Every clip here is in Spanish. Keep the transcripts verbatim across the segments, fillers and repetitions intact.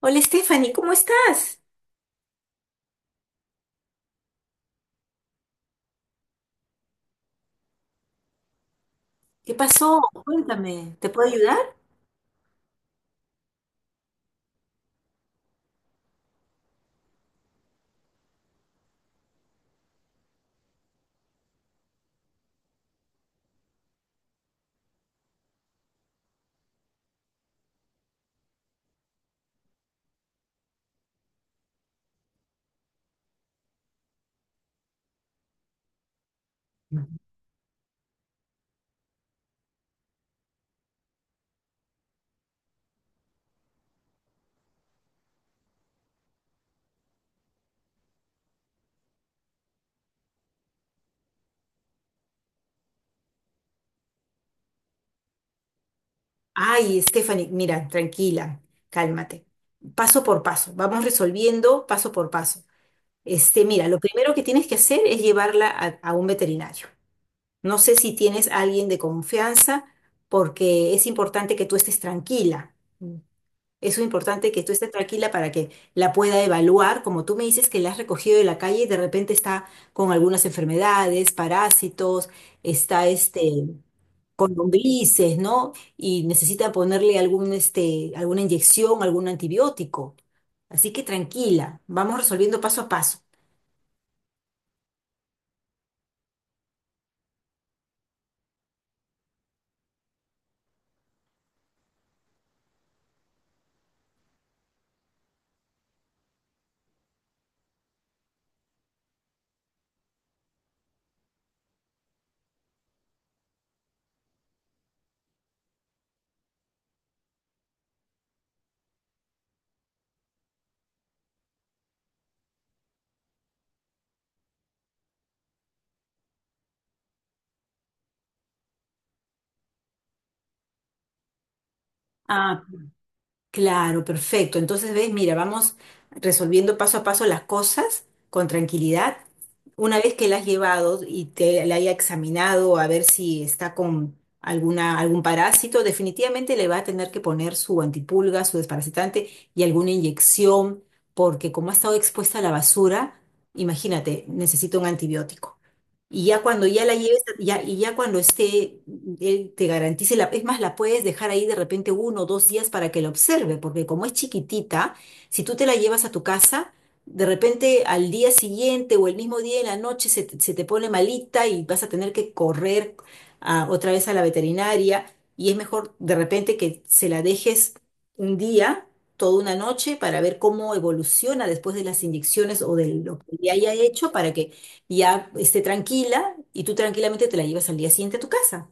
Hola Stephanie, ¿cómo estás? ¿Qué pasó? Cuéntame, ¿te puedo ayudar? Ay, Stephanie, mira, tranquila, cálmate. Paso por paso, vamos resolviendo paso por paso. Este, mira, lo primero que tienes que hacer es llevarla a, a un veterinario. No sé si tienes a alguien de confianza, porque es importante que tú estés tranquila. Eso es importante que tú estés tranquila para que la pueda evaluar. Como tú me dices que la has recogido de la calle y de repente está con algunas enfermedades, parásitos, está este, con lombrices, ¿no? Y necesita ponerle algún, este, alguna inyección, algún antibiótico. Así que tranquila, vamos resolviendo paso a paso. Ah, claro, perfecto. Entonces, ves, mira, vamos resolviendo paso a paso las cosas con tranquilidad. Una vez que la has llevado y te la haya examinado a ver si está con alguna, algún parásito, definitivamente le va a tener que poner su antipulga, su desparasitante y alguna inyección, porque como ha estado expuesta a la basura, imagínate, necesita un antibiótico. Y ya cuando ya la lleves, ya, y ya cuando esté, él te garantice la, es más, la puedes dejar ahí de repente uno o dos días para que la observe, porque como es chiquitita, si tú te la llevas a tu casa, de repente al día siguiente o el mismo día en la noche se, te se te pone malita y vas a tener que correr ah, otra vez a la veterinaria y es mejor de repente que se la dejes un día, toda una noche, para ver cómo evoluciona después de las inyecciones o de lo que le haya hecho, para que ya esté tranquila y tú tranquilamente te la llevas al día siguiente a tu casa.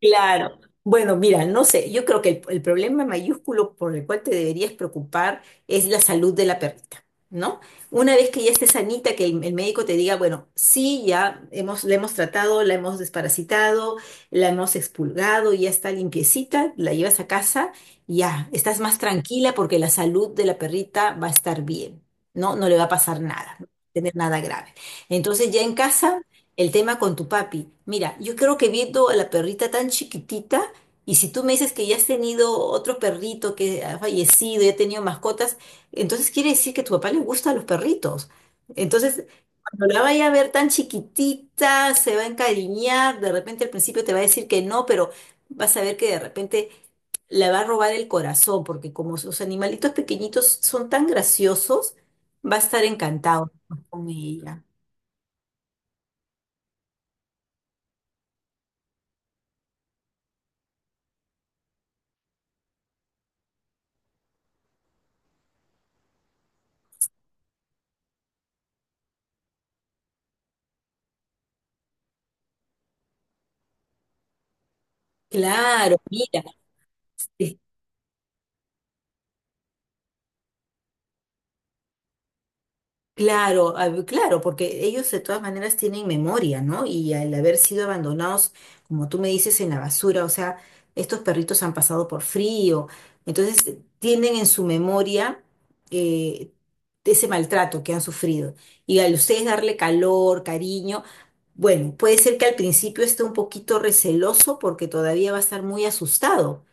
Claro. Bueno, mira, no sé, yo creo que el, el problema mayúsculo por el cual te deberías preocupar es la salud de la perrita, ¿no? Una vez que ya esté sanita, que el, el médico te diga, bueno, sí, ya hemos, la hemos tratado, la hemos desparasitado, la hemos expulgado, ya está limpiecita, la llevas a casa, ya, estás más tranquila porque la salud de la perrita va a estar bien, ¿no? No le va a pasar nada, no va a tener nada grave. Entonces ya en casa el tema con tu papi. Mira, yo creo que viendo a la perrita tan chiquitita, y si tú me dices que ya has tenido otro perrito que ha fallecido y ha tenido mascotas, entonces quiere decir que a tu papá le gustan los perritos. Entonces, cuando la vaya a ver tan chiquitita, se va a encariñar, de repente al principio te va a decir que no, pero vas a ver que de repente le va a robar el corazón, porque como sus animalitos pequeñitos son tan graciosos, va a estar encantado con ella. Claro, mira. Claro, a ver, claro, porque ellos de todas maneras tienen memoria, ¿no? Y al haber sido abandonados, como tú me dices, en la basura, o sea, estos perritos han pasado por frío, entonces eh, tienen en su memoria eh, ese maltrato que han sufrido. Y al ustedes darle calor, cariño, bueno, puede ser que al principio esté un poquito receloso porque todavía va a estar muy asustado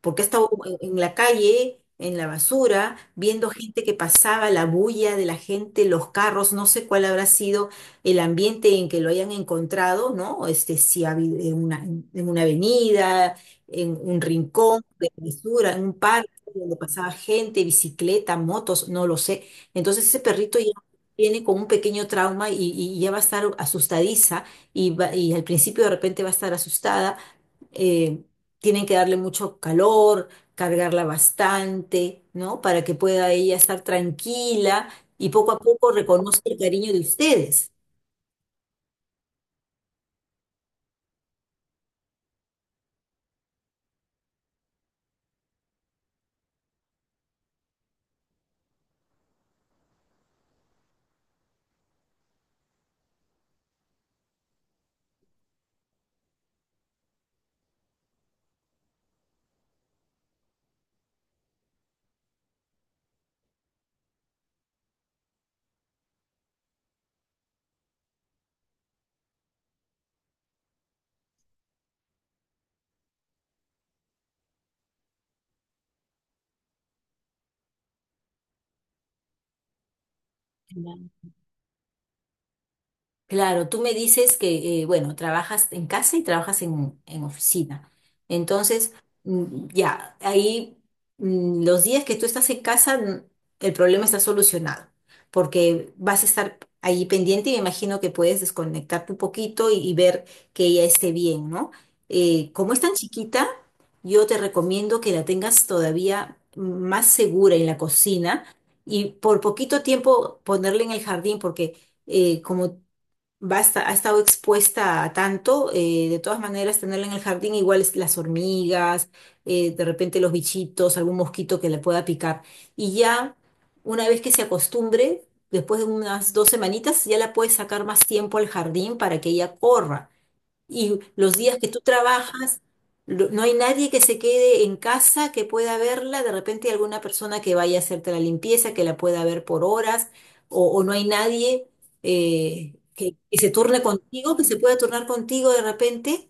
porque he estado en en la calle, en la basura, viendo gente que pasaba, la bulla de la gente, los carros, no sé cuál habrá sido el ambiente en que lo hayan encontrado, ¿no? Este, si ha habido en una, en una avenida, en un rincón de basura, en un parque donde pasaba gente, bicicleta, motos, no lo sé. Entonces ese perrito ya viene con un pequeño trauma y, y ya va a estar asustadiza y, va- y al principio de repente va a estar asustada, eh, tienen que darle mucho calor, cargarla bastante, ¿no? Para que pueda ella estar tranquila y poco a poco reconozca el cariño de ustedes. Claro, tú me dices que, eh, bueno, trabajas en casa y trabajas en, en oficina. Entonces, mm, ya, ahí mm, los días que tú estás en casa, mm, el problema está solucionado, porque vas a estar ahí pendiente y me imagino que puedes desconectarte un poquito y, y ver que ella esté bien, ¿no? Eh, como es tan chiquita, yo te recomiendo que la tengas todavía más segura en la cocina y por poquito tiempo ponerla en el jardín, porque eh, como va a esta- ha estado expuesta a tanto, eh, de todas maneras tenerla en el jardín, igual es las hormigas, eh, de repente los bichitos, algún mosquito que le pueda picar. Y ya una vez que se acostumbre, después de unas dos semanitas, ya la puedes sacar más tiempo al jardín para que ella corra. Y los días que tú trabajas, lo- no hay nadie que se quede en casa que pueda verla. De repente hay alguna persona que vaya a hacerte la limpieza, que la pueda ver por horas, o, o no hay nadie eh, que, que se turne contigo, que se pueda turnar contigo de repente.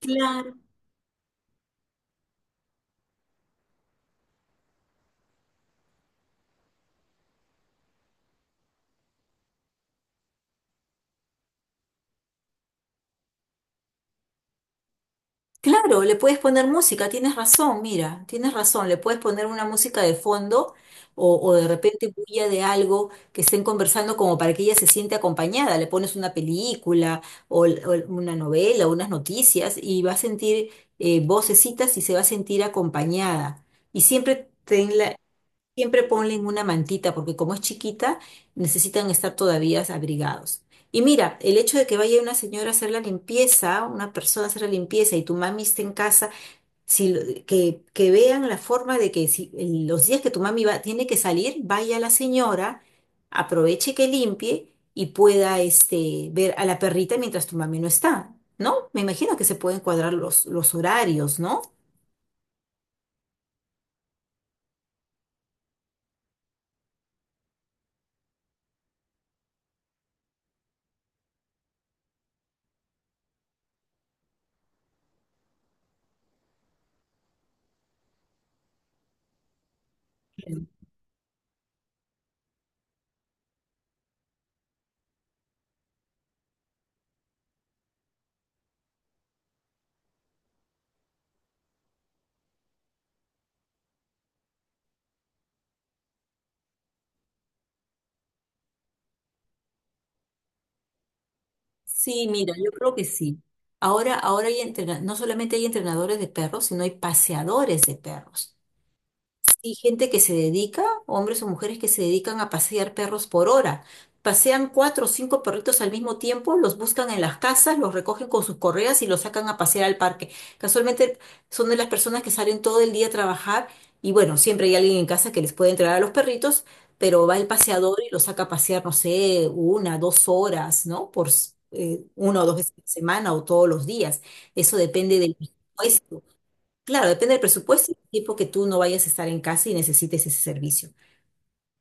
Claro. Claro, le puedes poner música, tienes razón, mira, tienes razón, le puedes poner una música de fondo o, o de repente bulla de algo que estén conversando como para que ella se siente acompañada, le pones una película o, l- o l- una novela, unas noticias y va a sentir eh, vocecitas y se va a sentir acompañada. Y siempre tenla. Siempre ponle en una mantita, porque como es chiquita, necesitan estar todavía abrigados. Y mira, el hecho de que vaya una señora a hacer la limpieza, una persona a hacer la limpieza y tu mami esté en casa, si, lo- que, que vean la forma de que si el- los días que tu mami va, tiene que salir, vaya la señora, aproveche que limpie y pueda este, ver a la perrita mientras tu mami no está, ¿no? Me imagino que se pueden cuadrar los, los horarios, ¿no? Sí, mira, yo creo que sí. Ahora, ahora hay entrena- no solamente hay entrenadores de perros, sino hay paseadores de perros y gente que se dedica, hombres o mujeres que se dedican a pasear perros por hora. Pasean cuatro o cinco perritos al mismo tiempo, los buscan en las casas, los recogen con sus correas y los sacan a pasear al parque. Casualmente son de las personas que salen todo el día a trabajar y bueno, siempre hay alguien en casa que les puede entregar a los perritos, pero va el paseador y los saca a pasear, no sé, una, dos horas, ¿no? Por eh, una o dos veces a la semana o todos los días. Eso depende del puesto. Claro, depende del presupuesto y del tiempo que tú no vayas a estar en casa y necesites ese servicio.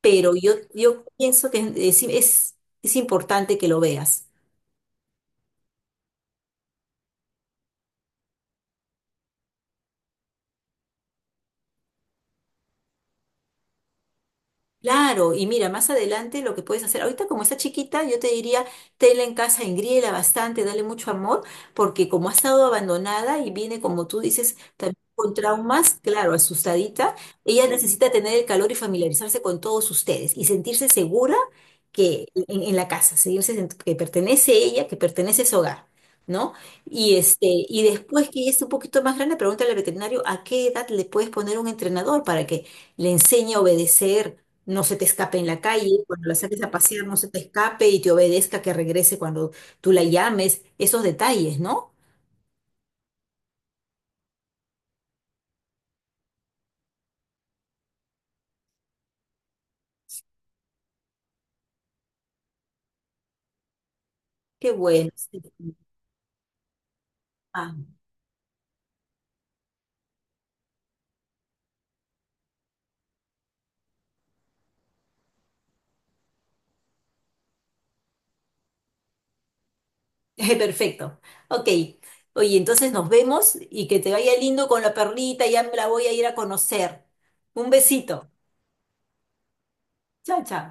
Pero yo, yo pienso que es, es- es importante que lo veas. Claro, y mira, más adelante lo que puedes hacer, ahorita como está chiquita, yo te diría, tenla en casa, engríela bastante, dale mucho amor, porque como ha estado abandonada y viene, como tú dices, también con traumas, claro, asustadita, ella necesita tener el calor y familiarizarse con todos ustedes y sentirse segura que en, en la casa, sentirse sent- que pertenece ella, que pertenece a ese hogar. ¿No? Y este, y después que ella esté un poquito más grande, pregúntale al veterinario a qué edad le puedes poner un entrenador para que le enseñe a obedecer, no se te escape en la calle, cuando la saques a pasear no se te escape y te obedezca que regrese cuando tú la llames, esos detalles, ¿no? Qué bueno. Sí. Ah, perfecto. Ok. Oye, entonces nos vemos y que te vaya lindo con la perlita, ya me la voy a ir a conocer. Un besito. Chao, chao.